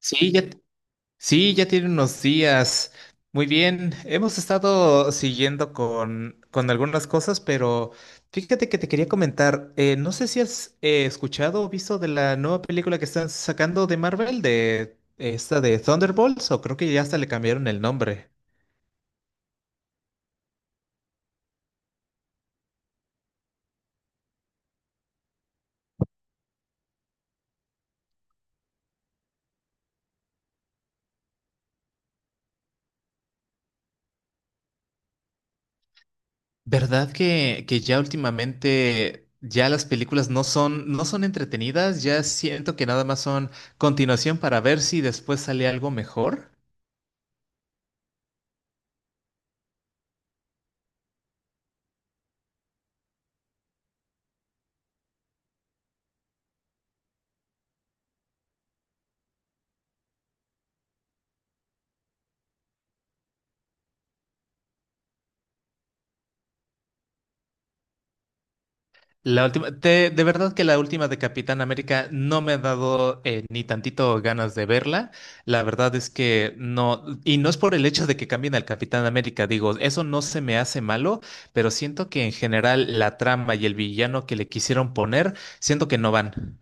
Sí, ya, t- sí, ya tiene unos días. Muy bien, hemos estado siguiendo con algunas cosas, pero fíjate que te quería comentar, no sé si has escuchado o visto de la nueva película que están sacando de Marvel, de esta de Thunderbolts, o creo que ya hasta le cambiaron el nombre. ¿Verdad que ya últimamente ya las películas no son entretenidas? Ya siento que nada más son continuación para ver si después sale algo mejor. La última, de verdad que la última de Capitán América no me ha dado ni tantito ganas de verla. La verdad es que no, y no es por el hecho de que cambien al Capitán América, digo, eso no se me hace malo, pero siento que en general la trama y el villano que le quisieron poner, siento que no van.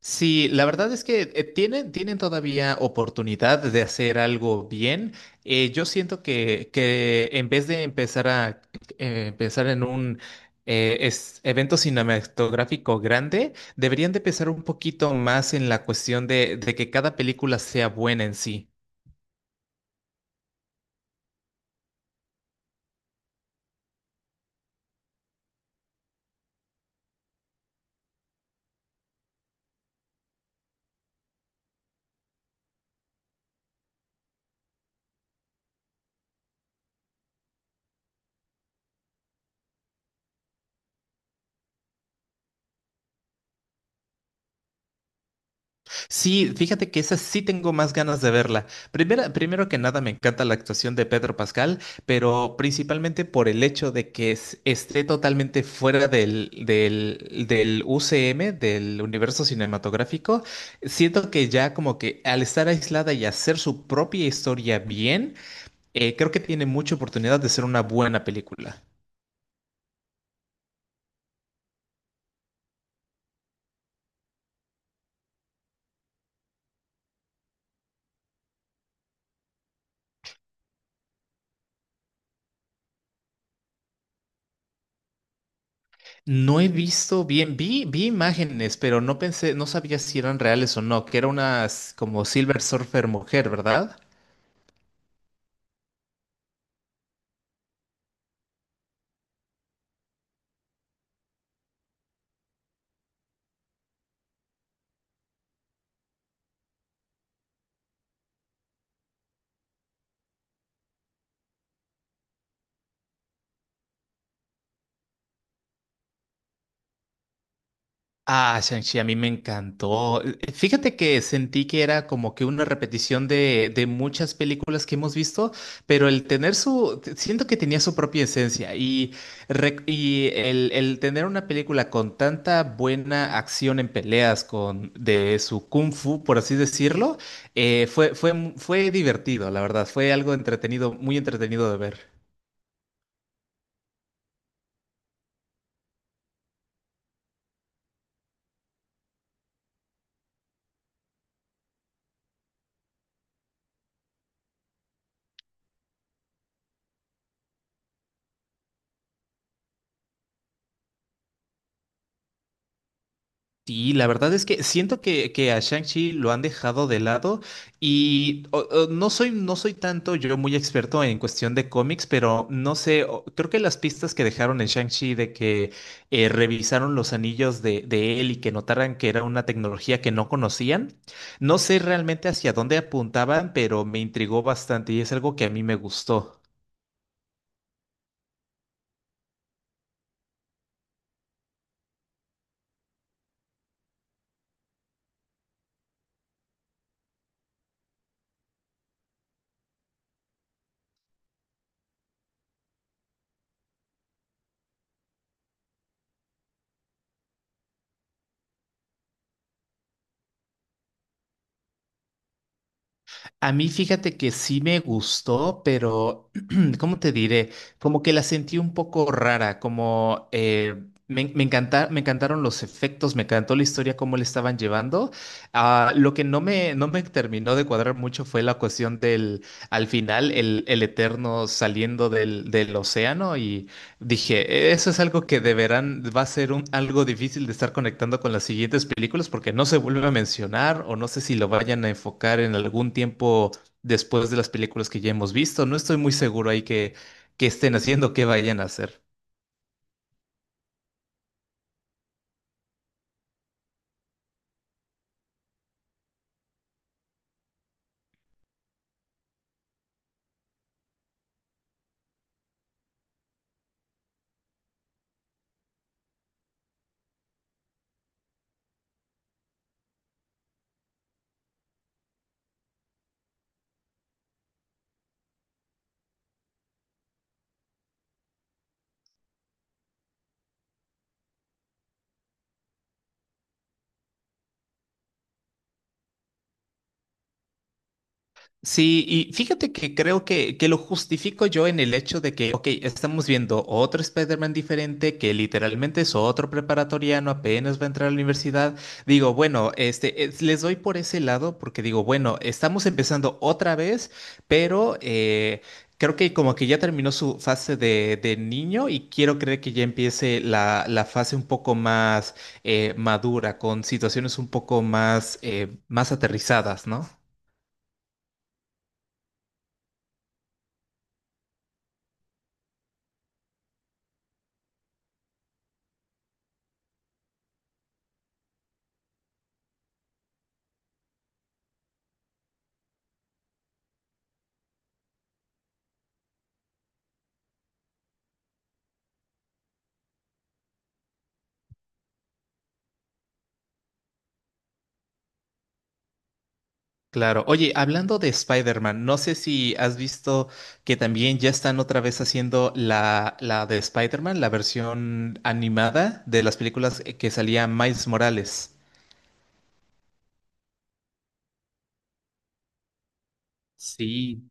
Sí, la verdad es que tienen, tienen todavía oportunidad de hacer algo bien. Yo siento que en vez de empezar a pensar en un evento cinematográfico grande, deberían de pensar un poquito más en la cuestión de que cada película sea buena en sí. Sí, fíjate que esa sí tengo más ganas de verla. Primera, primero que nada, me encanta la actuación de Pedro Pascal, pero principalmente por el hecho de que esté totalmente fuera del UCM, del universo cinematográfico. Siento que ya como que al estar aislada y hacer su propia historia bien, creo que tiene mucha oportunidad de ser una buena película. No he visto bien, vi imágenes, pero no pensé, no sabía si eran reales o no, que era una como Silver Surfer mujer, ¿verdad? Ah, Shang-Chi, a mí me encantó. Fíjate que sentí que era como que una repetición de muchas películas que hemos visto, pero el tener siento que tenía su propia esencia y, y el tener una película con tanta buena acción en peleas, con de su kung fu, por así decirlo, fue divertido, la verdad, fue algo entretenido, muy entretenido de ver. Sí, la verdad es que siento que a Shang-Chi lo han dejado de lado y no soy tanto yo muy experto en cuestión de cómics, pero no sé, creo que las pistas que dejaron en Shang-Chi de que revisaron los anillos de él y que notaran que era una tecnología que no conocían, no sé realmente hacia dónde apuntaban, pero me intrigó bastante y es algo que a mí me gustó. A mí fíjate que sí me gustó, pero ¿cómo te diré? Como que la sentí un poco rara, como me encantaron los efectos, me encantó la historia, cómo le estaban llevando. Ah, lo que no me terminó de cuadrar mucho fue la cuestión del, al final, el Eterno saliendo del océano. Dije, eso es algo que deberán, va a ser algo difícil de estar conectando con las siguientes películas porque no se vuelve a mencionar o no sé si lo vayan a enfocar en algún tiempo después de las películas que ya hemos visto. No estoy muy seguro ahí que estén haciendo, qué vayan a hacer. Sí, y fíjate que creo que lo justifico yo en el hecho de que, ok, estamos viendo otro Spider-Man diferente, que literalmente es otro preparatoriano, apenas va a entrar a la universidad. Digo, bueno, les doy por ese lado porque digo, bueno, estamos empezando otra vez, pero creo que como que ya terminó su fase de niño y quiero creer que ya empiece la fase un poco más madura, con situaciones un poco más, más aterrizadas, ¿no? Claro. Oye, hablando de Spider-Man, no sé si has visto que también ya están otra vez haciendo la de Spider-Man, la versión animada de las películas que salía Miles Morales. Sí,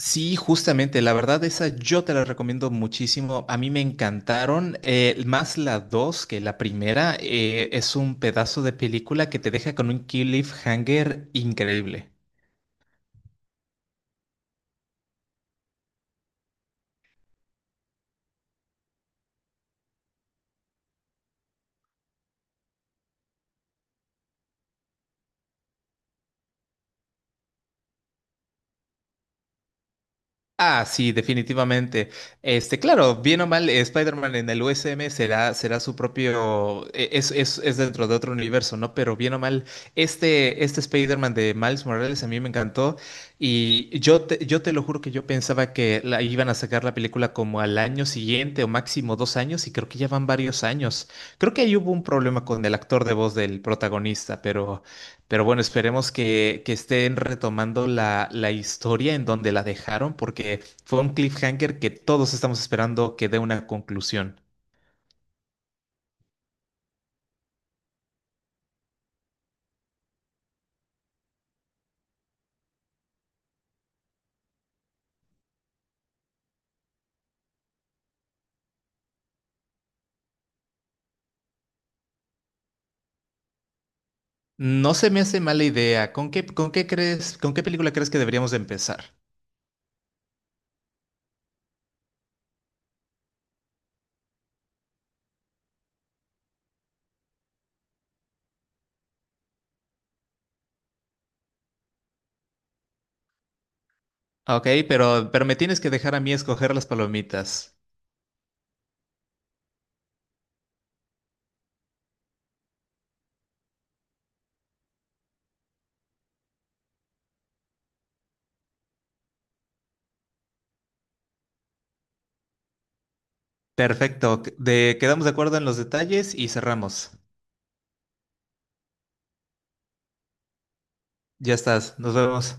Sí, justamente, la verdad esa yo te la recomiendo muchísimo. A mí me encantaron, más la dos que la primera. Es un pedazo de película que te deja con un cliffhanger increíble. Ah, sí, definitivamente. Este, claro, bien o mal, Spider-Man en el USM será su propio, es dentro de otro universo, ¿no? Pero bien o mal, este Spider-Man de Miles Morales a mí me encantó y yo te lo juro que yo pensaba que iban a sacar la película como al año siguiente o máximo dos años y creo que ya van varios años. Creo que ahí hubo un problema con el actor de voz del protagonista, pero... Pero bueno, esperemos que estén retomando la historia en donde la dejaron, porque fue un cliffhanger que todos estamos esperando que dé una conclusión. No se me hace mala idea. Con qué crees, con qué película crees que deberíamos de empezar? Ok, pero me tienes que dejar a mí escoger las palomitas. Perfecto. De, quedamos de acuerdo en los detalles y cerramos. Ya estás. Nos vemos.